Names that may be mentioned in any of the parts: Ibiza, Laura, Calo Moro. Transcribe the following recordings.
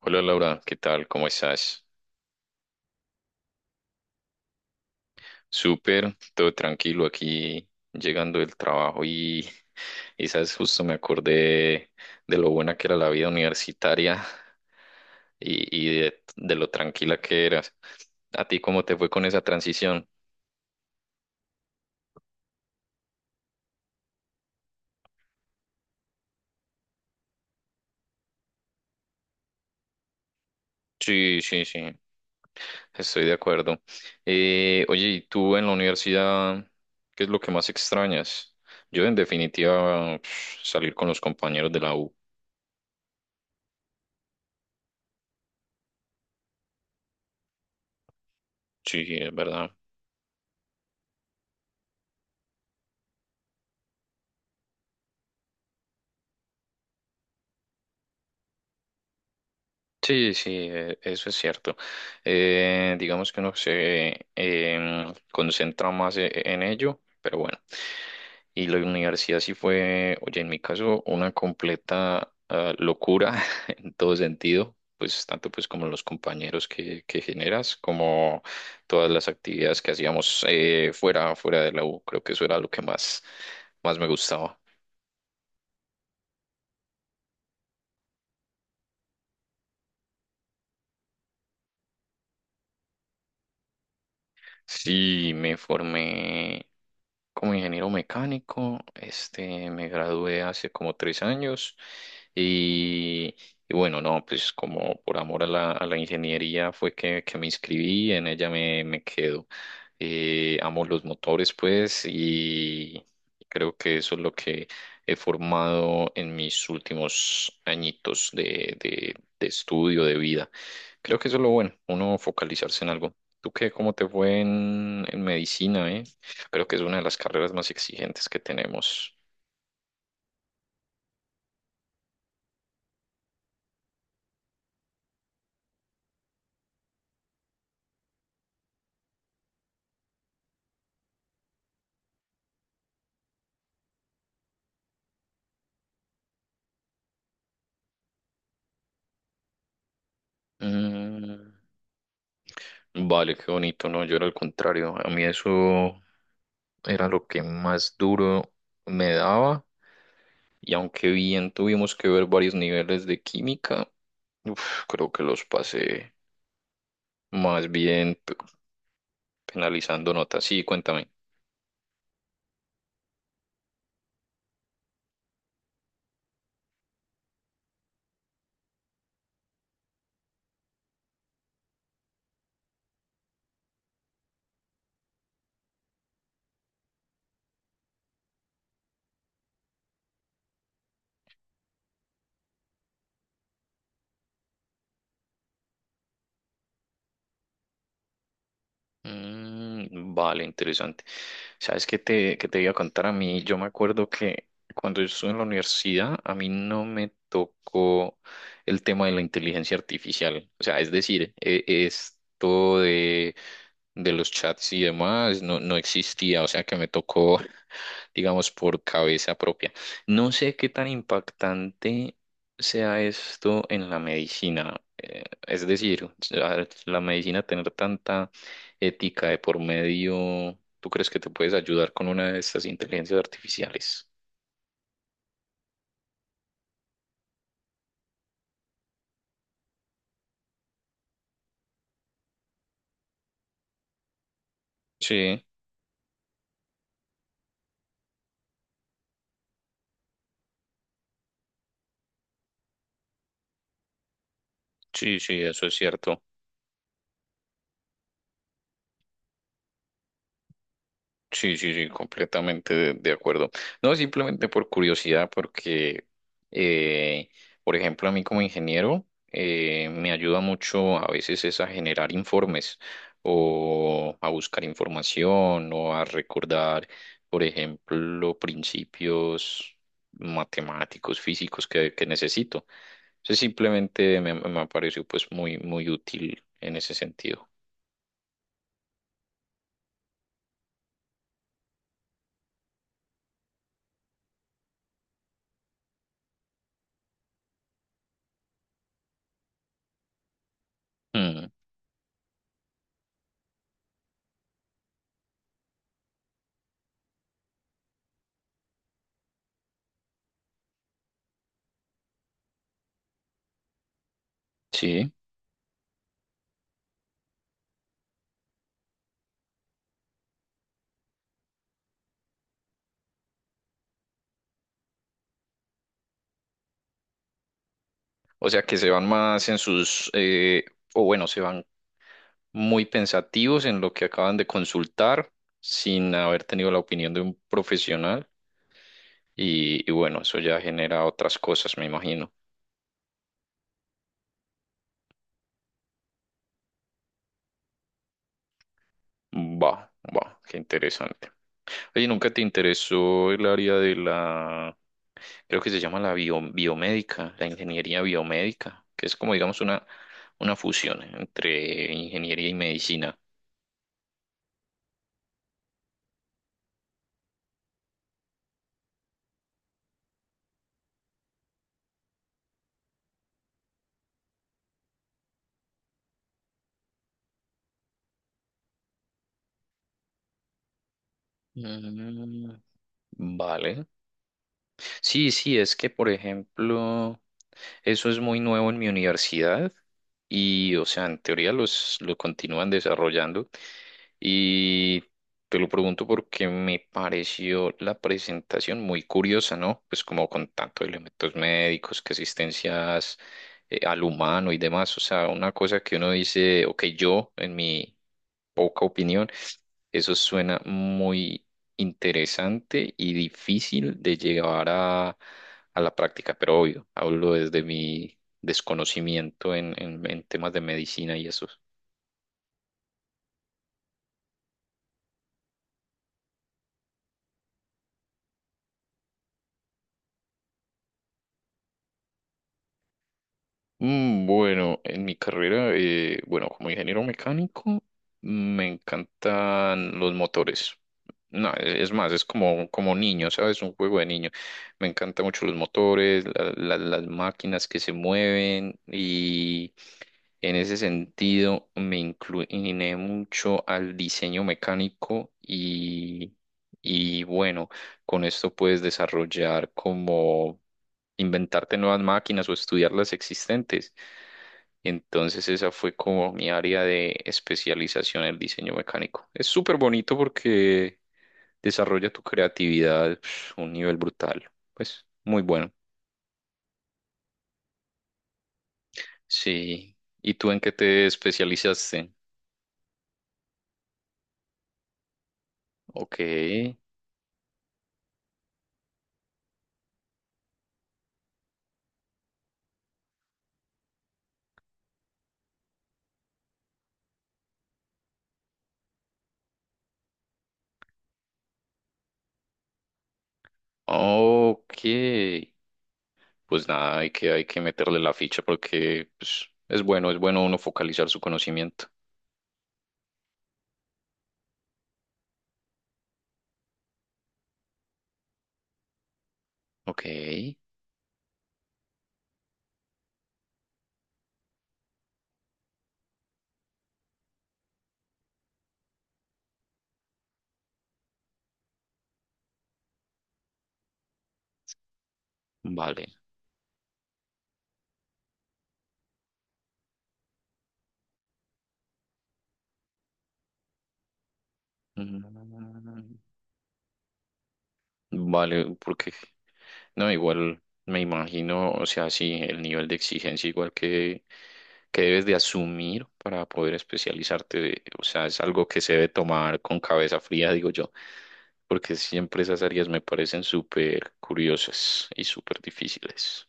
Hola Laura, ¿qué tal? ¿Cómo estás? Súper, todo tranquilo aquí llegando del trabajo y sabes, justo me acordé de lo buena que era la vida universitaria y de lo tranquila que eras. ¿A ti cómo te fue con esa transición? Sí, sí, sí, estoy de acuerdo. Oye, ¿y tú en la universidad qué es lo que más extrañas? Yo en definitiva salir con los compañeros de la U. Sí, es verdad. Sí, sí, eso es cierto. Digamos que uno se concentra más en ello, pero bueno. Y la universidad sí fue, oye, en mi caso, una completa locura en todo sentido, pues tanto pues como los compañeros que generas, como todas las actividades que hacíamos fuera de la U. Creo que eso era lo que más me gustaba. Sí, me formé como ingeniero mecánico, este, me gradué hace como 3 años y, y bueno, no, pues como por amor a la ingeniería fue que me inscribí, en ella me quedo. Amo los motores, pues, y creo que eso es lo que he formado en mis últimos añitos de estudio, de vida. Creo que eso es lo bueno, uno focalizarse en algo. ¿Tú qué? ¿Cómo te fue en medicina, eh? Creo que es una de las carreras más exigentes que tenemos. Mm, vale, qué bonito, ¿no? Yo era al contrario. A mí eso era lo que más duro me daba. Y aunque bien tuvimos que ver varios niveles de química, uf, creo que los pasé más bien penalizando notas. Sí, cuéntame. Mm, vale, interesante. ¿Sabes qué te iba a contar a mí? Yo me acuerdo que cuando yo estuve en la universidad, a mí no me tocó el tema de la inteligencia artificial. O sea, es decir, esto de los chats y demás no, no existía. O sea, que me tocó, digamos, por cabeza propia. No sé qué tan impactante sea esto en la medicina. Es decir, la medicina tener tanta ética de por medio, ¿tú crees que te puedes ayudar con una de estas inteligencias artificiales? Sí, sí, sí, eso es cierto. Sí, sí, sí, completamente de acuerdo. No, simplemente por curiosidad, porque, eh, por ejemplo, a mí como ingeniero, me ayuda mucho a veces es a generar informes o a buscar información o a recordar, por ejemplo, principios matemáticos, físicos que necesito. Entonces, simplemente me ha parecido pues muy útil en ese sentido. Mm, sí. O sea que se van más en sus, o bueno, se van muy pensativos en lo que acaban de consultar sin haber tenido la opinión de un profesional y bueno, eso ya genera otras cosas, me imagino. Va, va, qué interesante. Oye, ¿nunca te interesó el área de la, creo que se llama la biomédica, la ingeniería biomédica, que es como digamos una fusión entre ingeniería y medicina? Mm, vale. Sí, sí, es que, por ejemplo, eso es muy nuevo en mi universidad y, o sea, en teoría lo continúan desarrollando y te lo pregunto porque me pareció la presentación muy curiosa, ¿no? Pues como con tantos elementos médicos, que asistencias al humano y demás, o sea, una cosa que uno dice, ok, yo en mi poca opinión. Eso suena muy interesante y difícil de llevar a la práctica, pero obvio, hablo desde mi desconocimiento en temas de medicina y eso. Mm, bueno, en mi carrera, bueno, como ingeniero mecánico, me encantan los motores. No, es más, es como, como niño, ¿sabes? Un juego de niño. Me encantan mucho los motores, las máquinas que se mueven y en ese sentido me incliné mucho al diseño mecánico y bueno, con esto puedes desarrollar como inventarte nuevas máquinas o estudiar las existentes. Entonces esa fue como mi área de especialización, el diseño mecánico. Es súper bonito porque desarrolla tu creatividad pf, a un nivel brutal. Pues muy bueno. Sí. ¿Y tú en qué te especializaste? Ok. Ok. Pues nada, hay que meterle la ficha porque pues, es bueno uno focalizar su conocimiento. Ok. Vale. Mm. Vale, porque no, igual me imagino, o sea, sí, el nivel de exigencia igual que debes de asumir para poder especializarte, de- o sea, es algo que se debe tomar con cabeza fría, digo yo, porque siempre esas áreas me parecen súper curiosas y súper difíciles.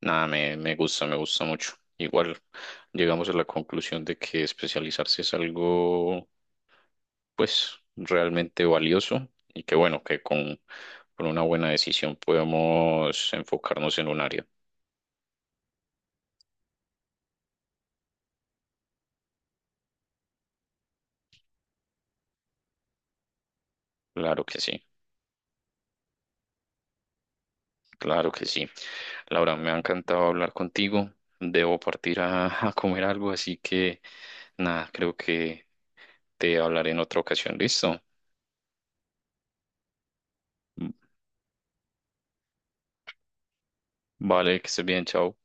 Nada, me gusta mucho. Igual llegamos a la conclusión de que especializarse es algo pues realmente valioso y que bueno, con una buena decisión podemos enfocarnos en un área. Claro que sí, claro que sí. Laura, me ha encantado hablar contigo. Debo partir a comer algo, así que nada, creo que te hablaré en otra ocasión. ¿Listo? Vale, que estés bien, chao.